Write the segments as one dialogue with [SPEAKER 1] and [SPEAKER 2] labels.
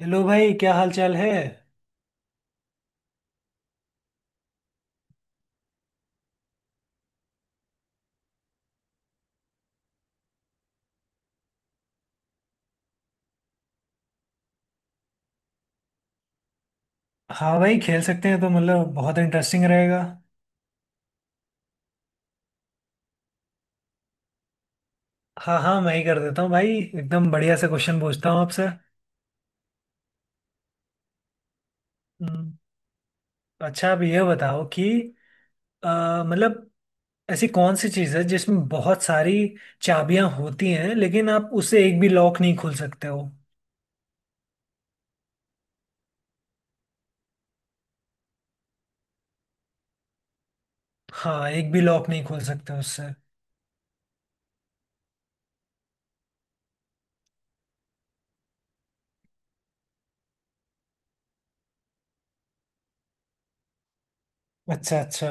[SPEAKER 1] Hello भाई, क्या हाल चाल है। हाँ भाई, खेल सकते हैं तो मतलब बहुत इंटरेस्टिंग रहेगा। हाँ हाँ, मैं ही कर देता हूँ भाई। एकदम बढ़िया से क्वेश्चन पूछता हूँ आपसे। हम्म, अच्छा, आप ये बताओ कि मतलब ऐसी कौन सी चीज़ है जिसमें बहुत सारी चाबियां होती हैं, लेकिन आप उससे एक भी लॉक नहीं खोल सकते हो। हाँ, एक भी लॉक नहीं खोल सकते उससे। अच्छा, अच्छा।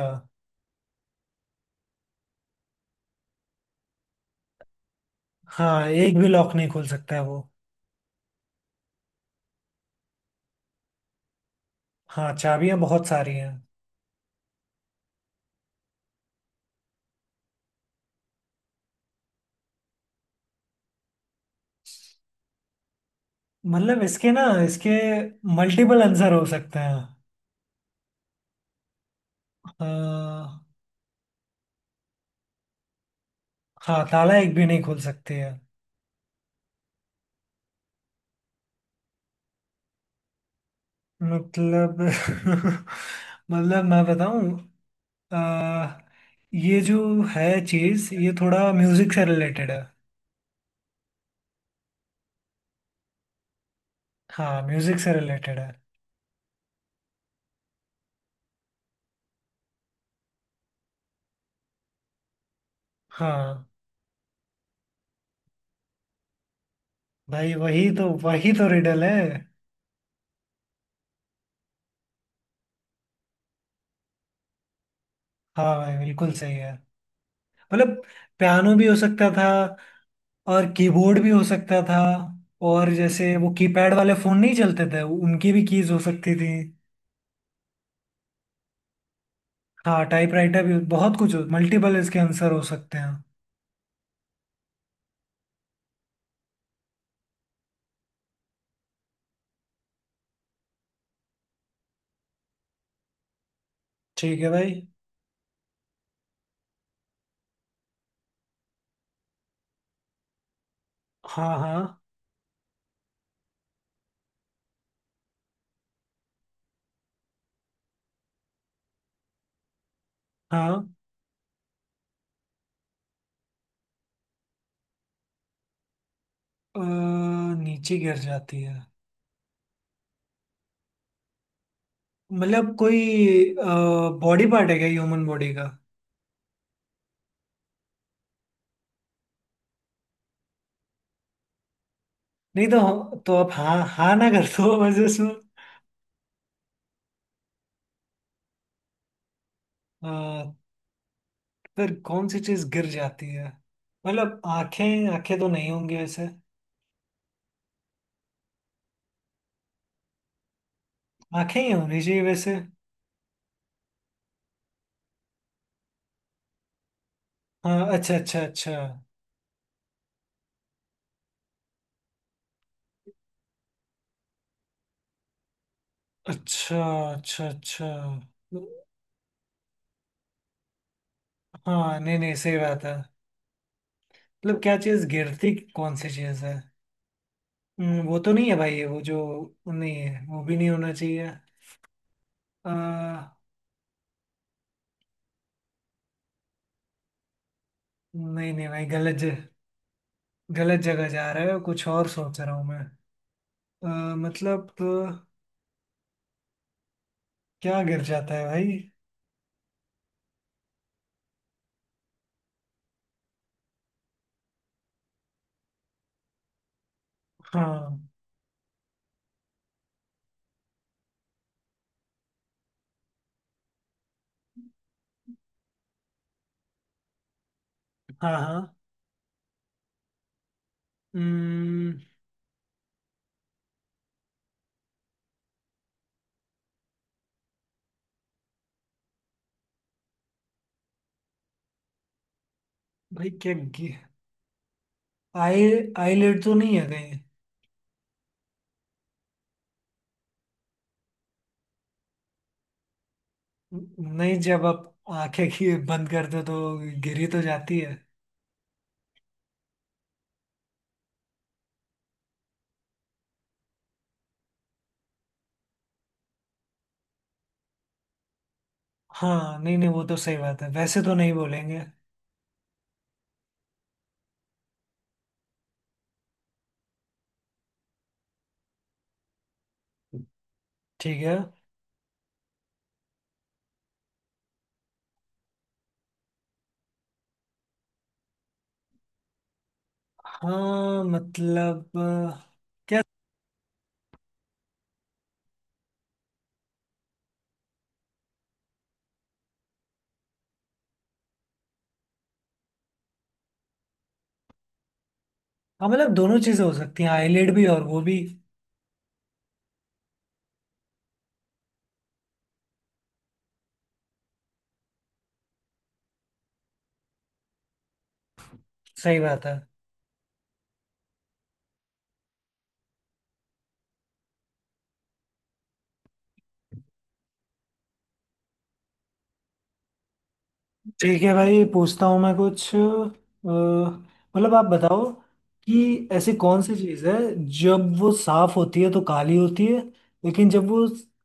[SPEAKER 1] हाँ, एक भी लॉक नहीं खोल सकता है वो। हाँ, चाबियां बहुत सारी हैं। मतलब इसके मल्टीपल आंसर हो सकते हैं। आ, हाँ, ताला एक भी नहीं खोल सकते हैं। मतलब मतलब मैं बताऊं। आ, ये जो है चीज, ये थोड़ा म्यूजिक से रिलेटेड है। हाँ, म्यूजिक से रिलेटेड है। हाँ भाई, वही तो रिडल है। हाँ भाई, बिल्कुल सही है। मतलब पियानो भी हो सकता था, और कीबोर्ड भी हो सकता था। और जैसे वो कीपैड वाले फोन नहीं चलते थे, उनकी भी कीज हो सकती थी। हाँ, टाइपराइटर भी, बहुत कुछ मल्टीपल इसके आंसर हो सकते हैं। ठीक है भाई। हाँ, हाँ, हाँ। अ, नीचे गिर जाती है। मतलब कोई बॉडी पार्ट है क्या, ह्यूमन बॉडी का। नहीं तो आप हाँ हाँ ना कर दो बस इसमें। अ, फिर कौन सी चीज गिर जाती है। मतलब आंखें आंखें तो नहीं होंगी वैसे। आंखें ही होनी चाहिए वैसे। हाँ, अच्छा अच्छा अच्छा, अच्छा अच्छा अच्छा। हाँ, नहीं नहीं, सही बात है। मतलब क्या चीज गिरती, कौन सी चीज है। वो तो नहीं है भाई, वो जो नहीं है वो भी नहीं होना चाहिए। आ, नहीं नहीं भाई, गलत गलत जगह जा रहे हो, कुछ और सोच रहा हूँ मैं। मतलब क्या गिर जाता है भाई। हाँ, हाँ, हाँ। हम्म, भाई, क्या आई, आईलिड तो नहीं है कहीं। नहीं, जब आप आंखें की बंद कर दो तो गिरी तो जाती है। हाँ, नहीं नहीं, वो तो सही बात है, वैसे तो नहीं बोलेंगे। ठीक है। हाँ मतलब क्या। हाँ मतलब दोनों चीजें हो सकती हैं, आईलेड भी और वो भी। सही बात है। ठीक है भाई, पूछता हूँ मैं कुछ मतलब। आप बताओ कि ऐसी कौन सी चीज है जब वो साफ होती है तो काली होती है, लेकिन जब वो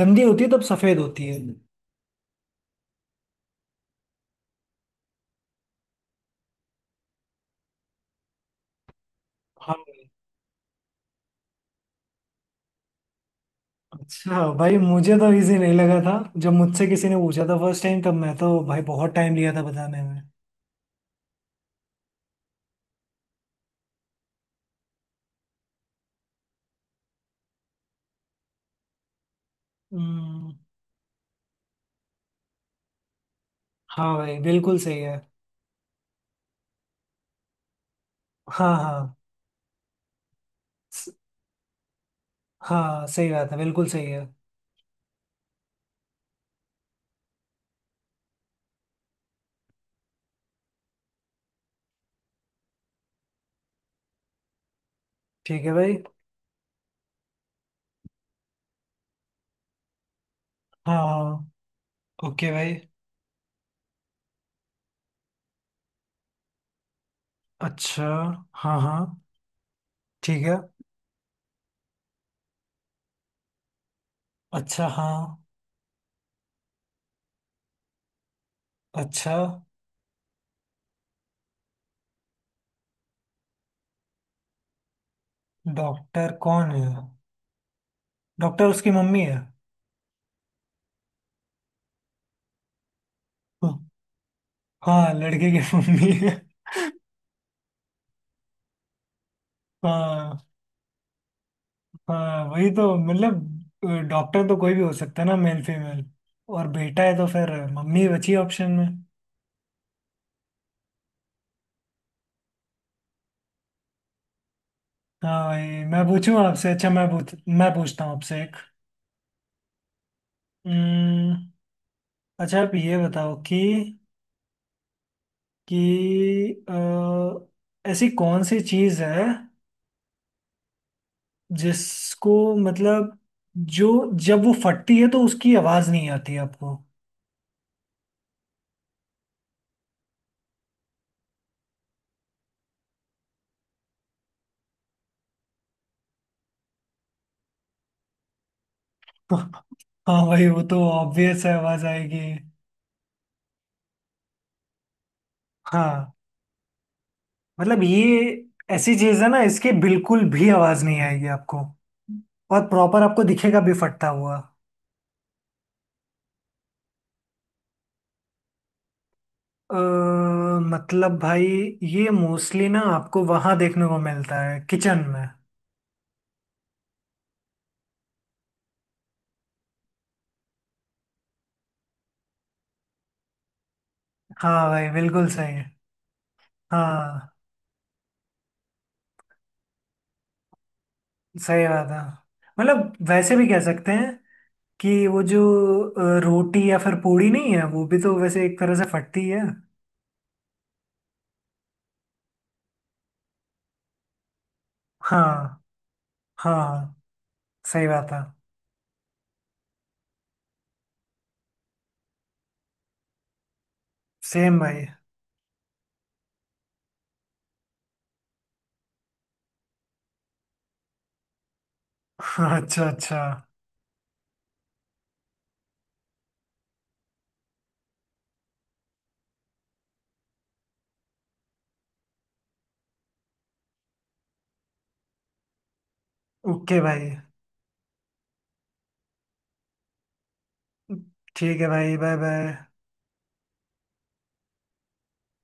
[SPEAKER 1] गंदी होती है तब सफेद होती है। हाँ भाई। अच्छा भाई, मुझे तो इजी नहीं लगा था। जब मुझसे किसी ने पूछा था फर्स्ट टाइम, तब मैं तो भाई बहुत टाइम लिया था बताने में। हम्म, हाँ भाई, बिल्कुल सही है। हाँ हाँ, स- हाँ, सही बात है, बिल्कुल सही है। ठीक है भाई। हाँ। ओके भाई। अच्छा, हाँ हाँ। ठीक है। अच्छा, हाँ। अच्छा। डॉक्टर कौन है। डॉक्टर उसकी मम्मी है। हाँ, लड़के की मम्मी है। हाँ हाँ, वही तो मतलब। डॉक्टर तो कोई भी हो सकता है ना, मेल फीमेल। और बेटा है तो फिर मम्मी बची ऑप्शन में। हाँ भाई, मैं पूछूं आपसे। अच्छा मैं पूछता हूँ आपसे। एक अच्छा, आप ये बताओ कि ऐसी कौन सी चीज है, जिसको मतलब जो, जब वो फटती है तो उसकी आवाज नहीं आती आपको। हाँ भाई, वो तो ऑब्वियस है, आवाज आएगी। हाँ मतलब ये ऐसी चीज है ना, इसकी बिल्कुल भी आवाज नहीं आएगी आपको, और प्रॉपर आपको दिखेगा भी फटता हुआ। अ, मतलब भाई, ये मोस्टली ना आपको वहां देखने को मिलता है किचन में। हाँ भाई, बिल्कुल सही। हाँ, सही बात है। मतलब वैसे भी कह सकते हैं कि वो जो रोटी या फिर पूड़ी नहीं है, वो भी तो वैसे एक तरह से फटती है। हाँ, हाँ, हाँ, सही बात है। सेम भाई। अच्छा, अच्छा। ओके भाई। ठीक है भाई, बाय बाय।